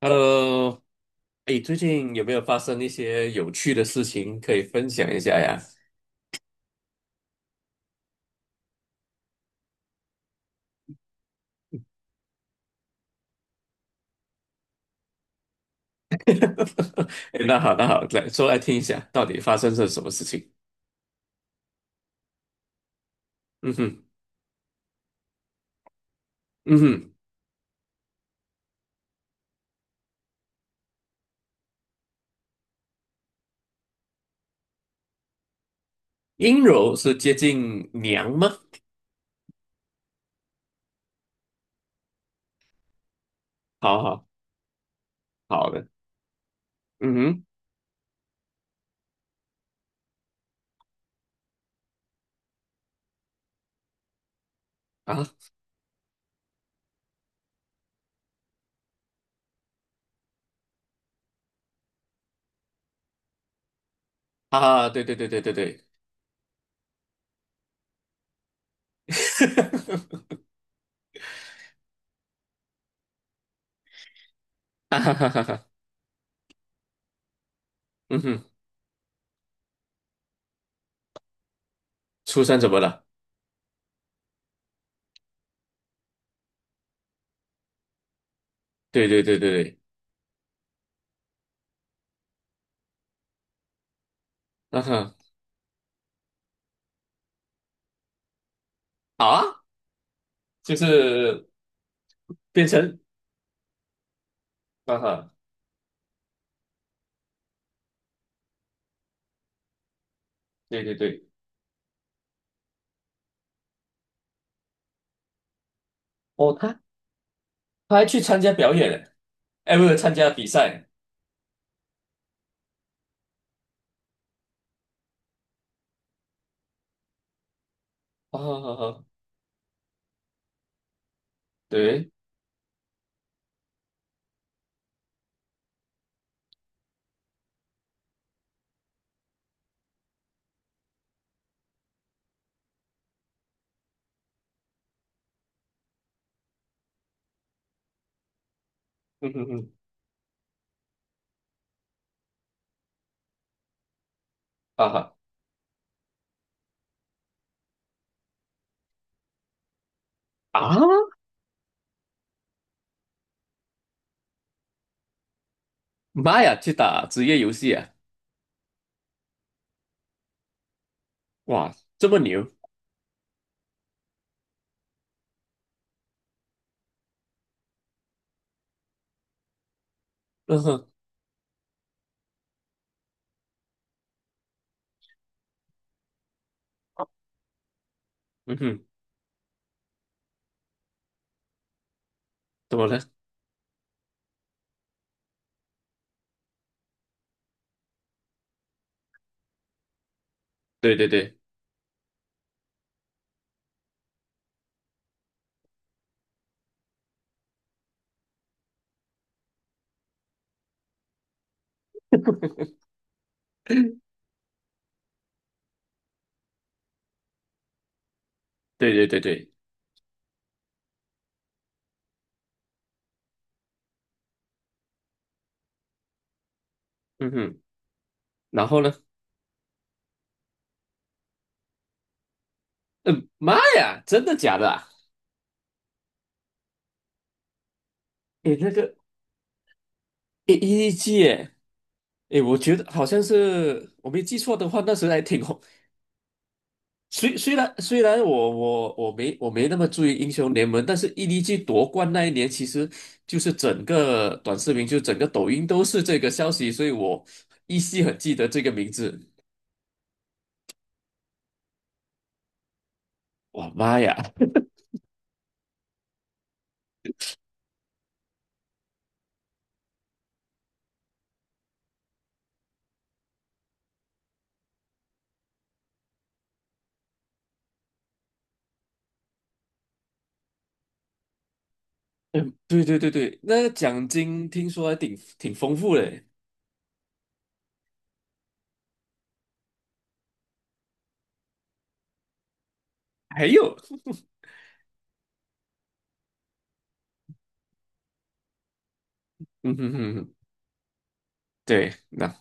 Hello，哎，最近有没有发生一些有趣的事情可以分享一下呀？哎那好，那好，来说来听一下，到底发生了什么事情？嗯哼，嗯哼，阴柔是接近娘吗？好好好的，嗯哼，啊啊，对对对对对对，哈哈哈哈哈，嗯哼，初三怎么了？对对对对对，啊哈，好啊，就是变成啊哈，对对对，哦，他还去参加表演了。哎，不是参加比赛，啊哈哈对，嗯哼哼，啊哈啊，妈呀，去打职业游戏啊，哇，这么牛，嗯哼，嗯哼，怎么了？对对对对对对对，嗯哼，然后呢？嗯，妈呀，真的假的啊？哎，那个 AEG，哎，诶我觉得好像是我没记错的话，那时候还挺红虽然我没那么注意英雄联盟，但是 EDG 夺冠那一年，其实就是整个短视频，就整个抖音都是这个消息，所以我依稀很记得这个名字。哇妈呀！对对对对，那个奖金听说还挺丰富的。还有，嗯哼哼哼，对，那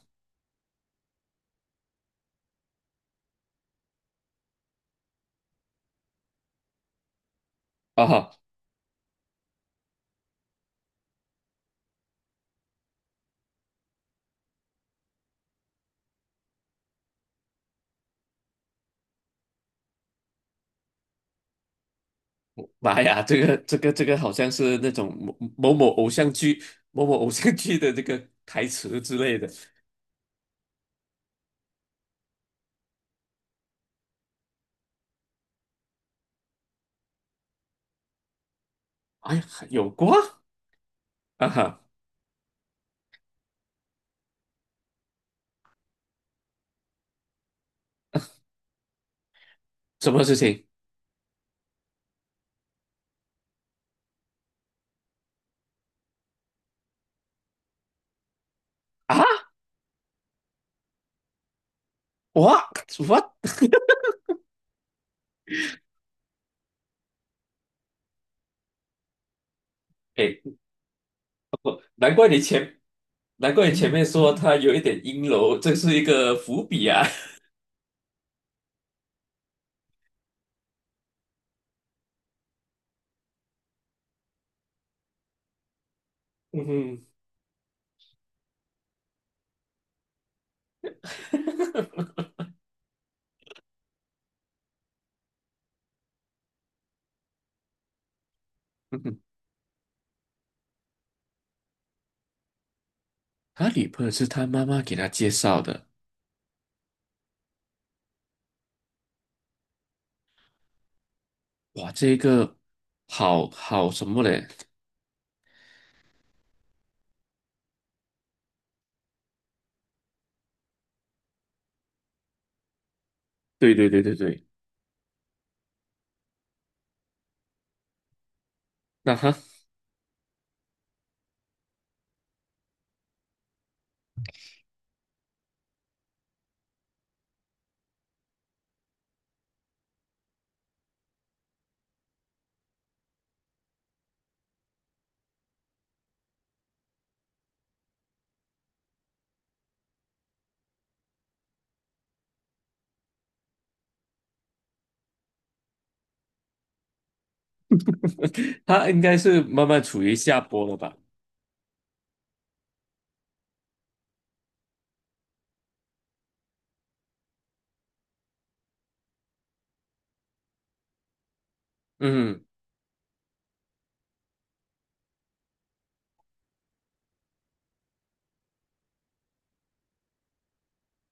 哦，妈呀，这个好像是那种某某偶像剧的这个台词之类的。哎呀，有过啊哈。什么事情啊？w what？h a t 哎，难怪你前难怪你前面说他有一点阴柔，这是一个伏笔啊。嗯哼，嗯哼，他女朋友是他妈妈给他介绍的。哇，这个好好什么嘞？对对对对对，那他 他应该是慢慢处于下坡了吧？嗯，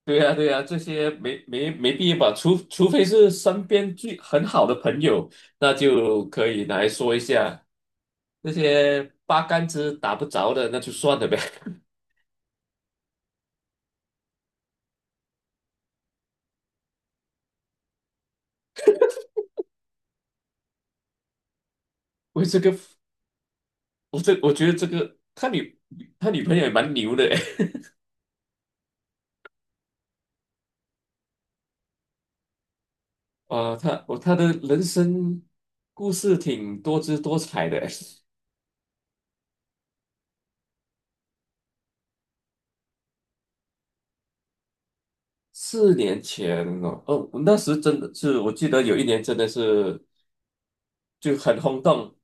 对呀对呀，这些没必要吧？除非是身边最很好的朋友，那就可以拿来说一下。那些八竿子打不着的，那就算了呗。我这个，我觉得这个他女朋友也蛮牛的诶，啊、他的人生故事挺多姿多彩的诶。4年前哦，哦，那时真的是，我记得有一年真的是就很轰动，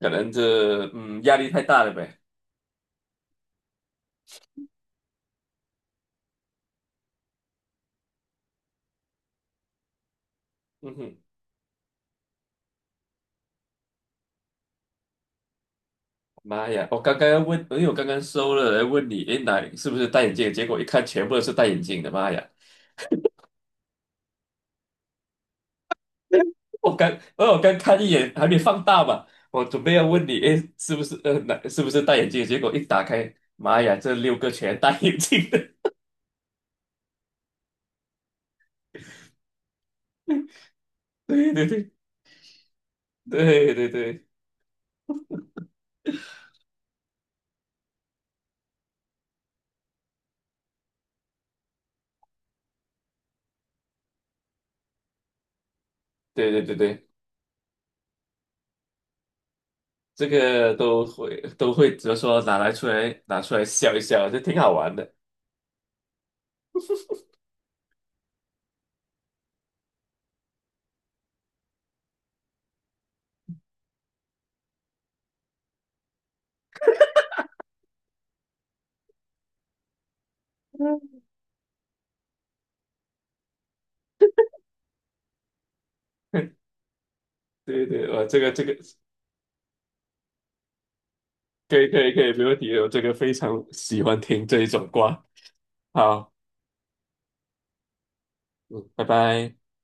可能这压力太大了呗。嗯哼，妈呀！我刚刚要问，因为我刚刚收了来问你，诶，哪是不是戴眼镜？结果一看全部都是戴眼镜的，妈呀！我刚，我有刚看一眼，还没放大嘛。我准备要问你，诶，是不是呃，哪是不是戴眼镜？结果一打开，妈呀，这6个全戴眼镜的。对对对对对对对对对对，这个都会都会，只是说拿出来笑一笑，这挺好玩的。对对，我可以可以可以，没问题，我这个非常喜欢听这一种瓜。好，嗯，拜拜。